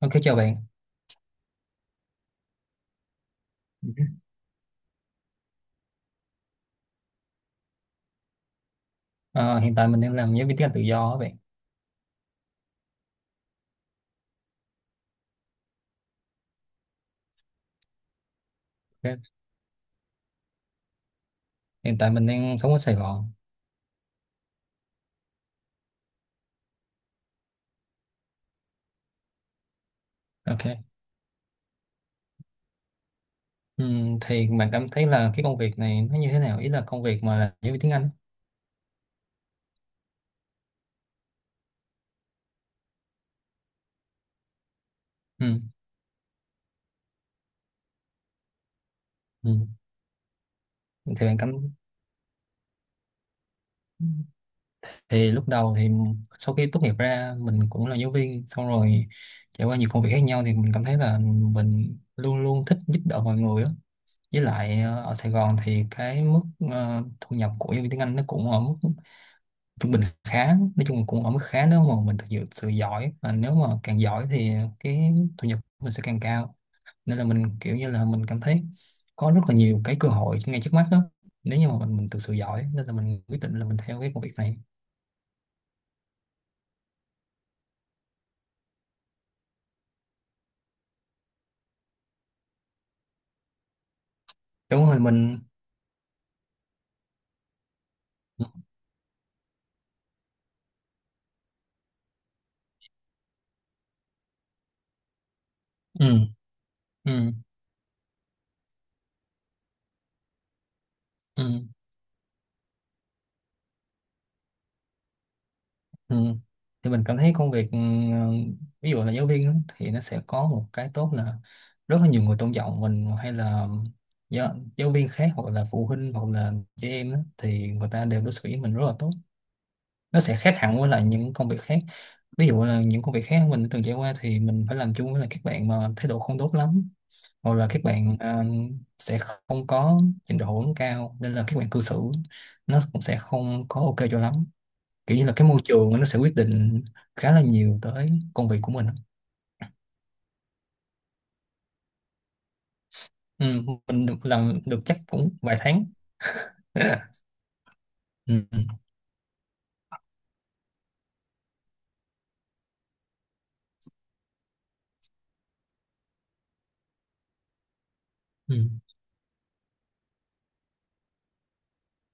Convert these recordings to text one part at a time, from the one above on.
Ok chào bạn. Ờ, Hiện tại mình đang làm giáo viên tiếng Anh tự do á bạn. Ok. Hiện tại mình đang sống ở Sài Gòn. Ok. Thì bạn cảm thấy là cái công việc này nó như thế nào? Ý là công việc mà là giáo viên tiếng Anh. Ừ. Ừ. Thì bạn cảm thì lúc đầu thì sau khi tốt nghiệp ra mình cũng là giáo viên xong rồi trải qua nhiều công việc khác nhau, thì mình cảm thấy là mình luôn luôn thích giúp đỡ mọi người á. Với lại ở Sài Gòn thì cái mức thu nhập của giáo viên tiếng Anh nó cũng ở mức trung bình khá, nói chung cũng ở mức khá nếu mà mình thực sự giỏi, và nếu mà càng giỏi thì cái thu nhập mình sẽ càng cao, nên là mình kiểu như là mình cảm thấy có rất là nhiều cái cơ hội ngay trước mắt đó, nếu như mà mình thực sự giỏi, nên là mình quyết định là mình theo cái công việc này. Đúng rồi. Mình. Ừ. Ừ. Ừ. Ừ. Thì mình cảm thấy công việc ví dụ là giáo viên á, thì nó sẽ có một cái tốt là rất là nhiều người tôn trọng mình, hay là giáo viên khác hoặc là phụ huynh hoặc là trẻ em á, thì người ta đều đối xử với mình rất là tốt. Nó sẽ khác hẳn với lại những công việc khác. Ví dụ là những công việc khác mình đã từng trải qua thì mình phải làm chung với lại các bạn mà thái độ không tốt lắm, hoặc là các bạn sẽ không có trình độ cao, nên là các bạn cư xử nó cũng sẽ không có ok cho lắm. Kiểu như là cái môi trường nó sẽ quyết định khá là nhiều tới công việc của mình. Ừ, mình được làm được chắc cũng vài tháng. Ừ, ừ, ừ,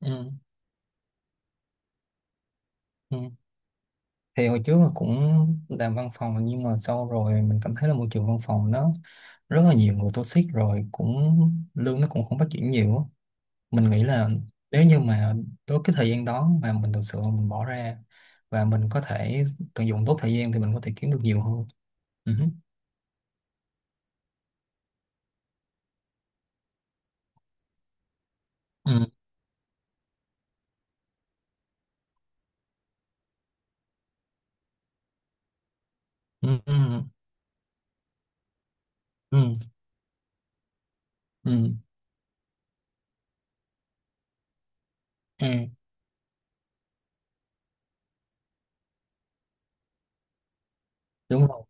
ừ. Ừ. Thì hồi trước là cũng làm văn phòng, nhưng mà sau rồi mình cảm thấy là môi trường văn phòng nó rất là nhiều người toxic, rồi cũng lương nó cũng không phát triển nhiều á. Mình nghĩ là nếu như mà tới cái thời gian đó mà mình thực sự mình bỏ ra và mình có thể tận dụng tốt thời gian thì mình có thể kiếm được nhiều hơn. Ừ. Ừ. Ừ. Ừ. Ừ. Ừ. Ừ. Ừ, đúng rồi.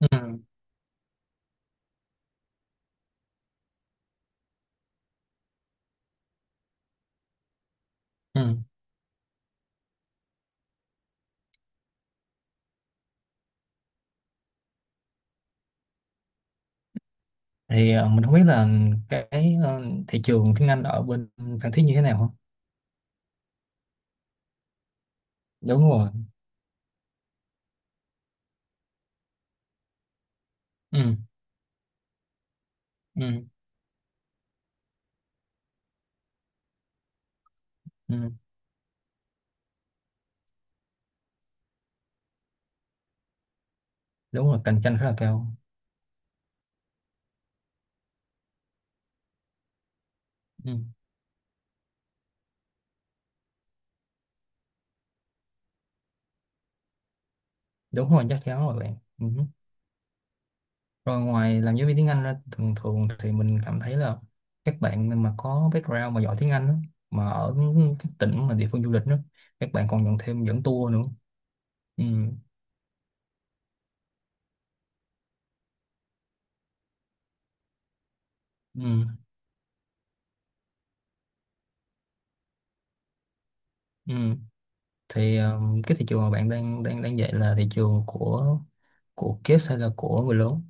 Ừ, ừ. Thì mình không biết là cái thị trường tiếng Anh ở bên Phan Thiết như thế nào không? Đúng rồi. Ừ, ừ, ừ. Đúng rồi, cạnh tranh rất là cao. Ừ. Đúng rồi, chắc chắn rồi bạn. Ừ. Rồi ngoài làm giáo viên tiếng Anh ra, thường thường thì mình cảm thấy là các bạn mà có background mà giỏi tiếng Anh á, mà ở các tỉnh mà địa phương du lịch đó, các bạn còn nhận thêm dẫn tour nữa. Ừ, ừ, ừ. Thì cái thị trường mà bạn đang đang đang dạy là thị trường của kids hay là của người lớn?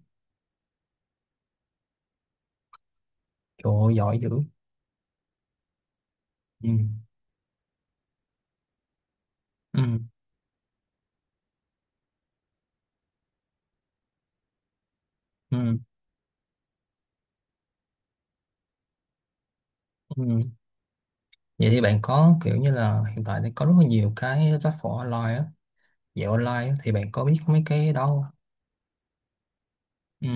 Trời ơi, giỏi dữ. Ừ. Ừ. Ừ. Ừ. Vậy thì bạn có kiểu như là hiện tại thì có rất là nhiều cái platform online á, dạy online á, thì bạn có biết mấy cái đó không? Ừ.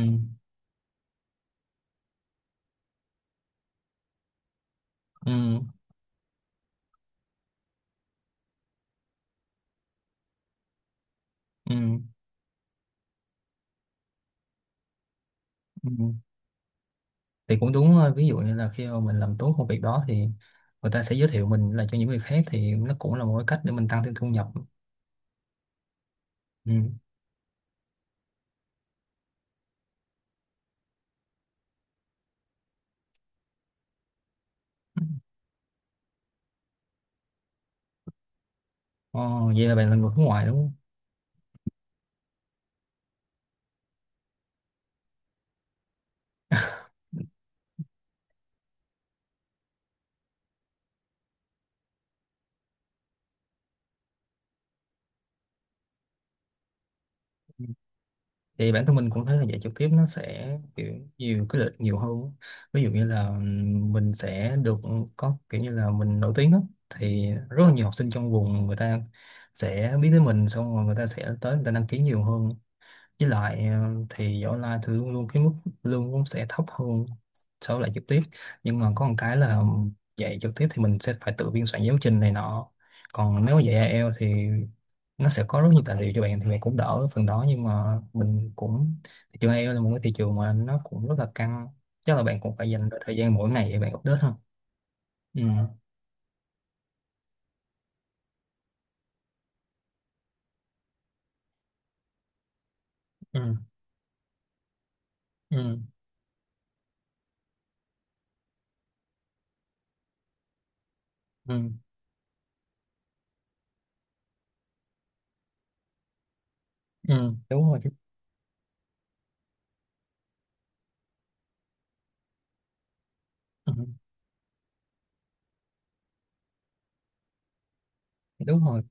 Ừ. Ừ. Ừ. Thì cũng đúng thôi. Ví dụ như là khi mà mình làm tốt công việc đó thì người ta sẽ giới thiệu mình là cho những người khác, thì nó cũng là một cái cách để mình tăng thêm thu nhập. Ừ. Ồ, vậy là bạn là người nước ngoài đúng không? Thì bản thân mình cũng thấy là dạy trực tiếp nó sẽ kiểu nhiều cái lợi nhiều hơn á. Ví dụ như là mình sẽ được, có kiểu như là mình nổi tiếng á, thì rất là nhiều học sinh trong vùng người ta sẽ biết tới mình, xong rồi người ta sẽ tới người ta đăng ký nhiều hơn. Với lại thì dạy online thì luôn luôn cái mức lương cũng sẽ thấp hơn so với lại trực tiếp. Nhưng mà có một cái là dạy trực tiếp thì mình sẽ phải tự biên soạn giáo trình này nọ, còn nếu mà dạy IELTS thì nó sẽ có rất nhiều tài liệu cho bạn thì bạn cũng đỡ phần đó. Nhưng mà mình cũng, thị trường AI eo là một cái thị trường mà nó cũng rất là căng, chắc là bạn cũng phải dành thời gian mỗi ngày để bạn update ha. Ừ. Ừ. Ừ. Ừ. Ừ. Đúng rồi chứ. Ừ. Đúng rồi.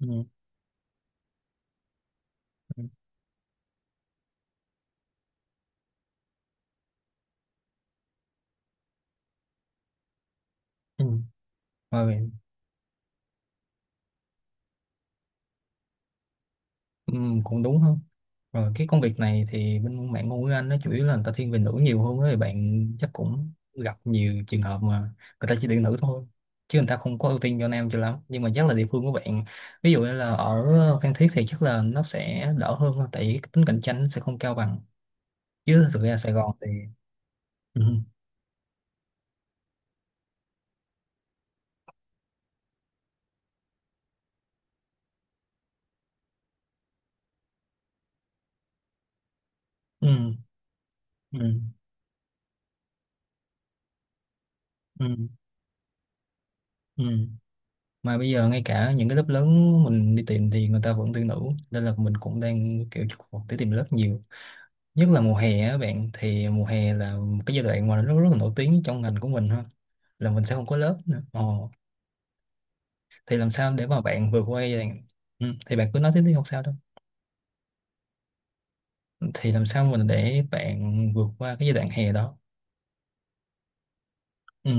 Ừ. Ừ. Ừ. Rồi. Ừ, cũng đúng không? Rồi cái công việc này thì bên bạn ngôn ngữ Anh nó chủ yếu là người ta thiên về nữ nhiều hơn ấy. Bạn chắc cũng gặp nhiều trường hợp mà người ta chỉ tuyển nữ thôi. Chứ người ta không có ưu tiên cho nam cho lắm. Nhưng mà chắc là địa phương của bạn, ví dụ như là ở Phan Thiết thì chắc là nó sẽ đỡ hơn thôi. Tại vì cái tính cạnh tranh nó sẽ không cao bằng. Chứ thực ra Sài Gòn thì... Ừ. Ừ. Ừ. Ừ. Ừ. Mà bây giờ ngay cả những cái lớp lớn mình đi tìm thì người ta vẫn tuyển nữ. Nên là mình cũng đang kiểu chụp vào để tìm lớp, nhiều nhất là mùa hè á bạn, thì mùa hè là một cái giai đoạn mà nó rất là nổi tiếng trong ngành của mình ha, là mình sẽ không có lớp nữa. Ồ, thì làm sao để mà bạn vượt qua giai đoạn... Ừ, thì bạn cứ nói tiếp đi không sao đâu. Thì làm sao mình để bạn vượt qua cái giai đoạn hè đó? Ừ.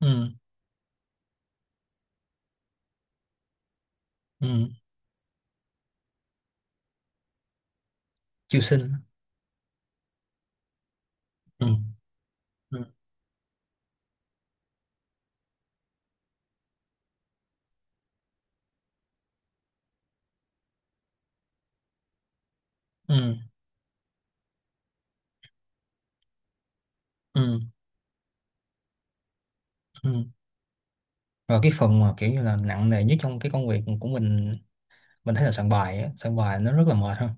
Ừ. Ừ. Chiêu sinh. Ừ. Ừ. Ừ. Ừ. Ừ. Rồi cái phần mà kiểu như là nặng nề nhất trong cái công việc của mình thấy là soạn bài á, soạn bài nó rất là mệt ha.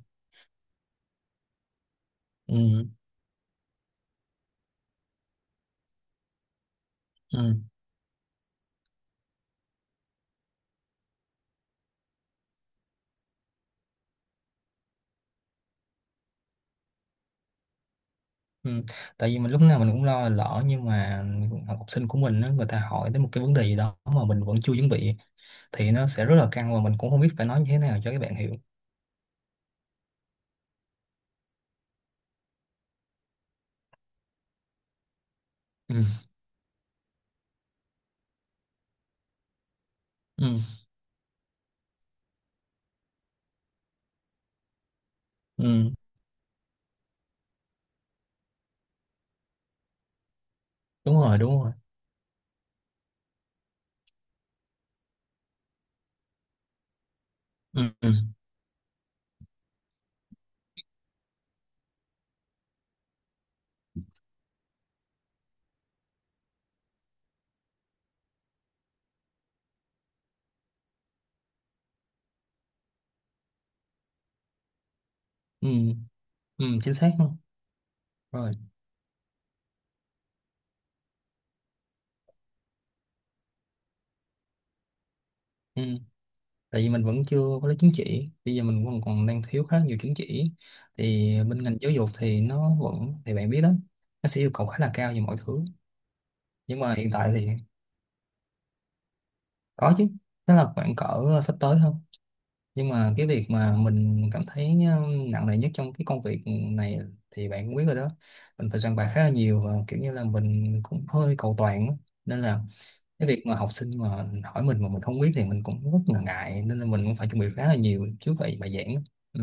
Ừ. Ừ. Ừ. Tại vì mình lúc nào mình cũng lo lỡ nhưng mà học sinh của mình á, người ta hỏi tới một cái vấn đề gì đó mà mình vẫn chưa chuẩn bị thì nó sẽ rất là căng và mình cũng không biết phải nói như thế nào cho các bạn hiểu. Ừ. Ừ. Ừ. Đúng rồi, đúng rồi. Ừ. Ừ. Ừ. Ừ. Chính xác không? Rồi. Ừ. Tại vì mình vẫn chưa có lấy chứng chỉ, bây giờ mình còn còn đang thiếu khá nhiều chứng chỉ, thì bên ngành giáo dục thì nó vẫn, thì bạn biết đó, nó sẽ yêu cầu khá là cao về mọi thứ. Nhưng mà hiện tại thì có chứ, nó là khoảng cỡ sắp tới thôi. Nhưng mà cái việc mà mình cảm thấy nặng nề nhất trong cái công việc này thì bạn cũng biết rồi đó, mình phải soạn bài khá là nhiều và kiểu như là mình cũng hơi cầu toàn á. Nên là cái việc mà học sinh mà hỏi mình mà mình không biết thì mình cũng rất là ngại, nên là mình cũng phải chuẩn bị khá là nhiều trước bài bài giảng á. Ừ.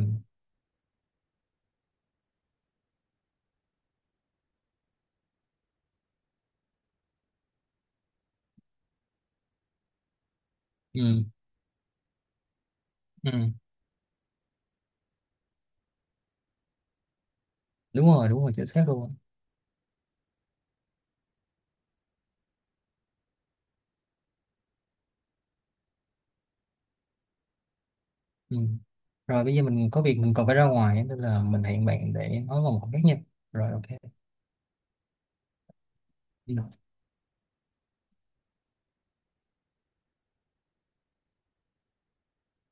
Ừ. Ừ. Đúng rồi, đúng rồi, chính xác luôn. Ừ. Rồi bây giờ mình có việc mình còn phải ra ngoài á, nên là mình hẹn bạn để nói vào một khác nha. Rồi ok. Ừ.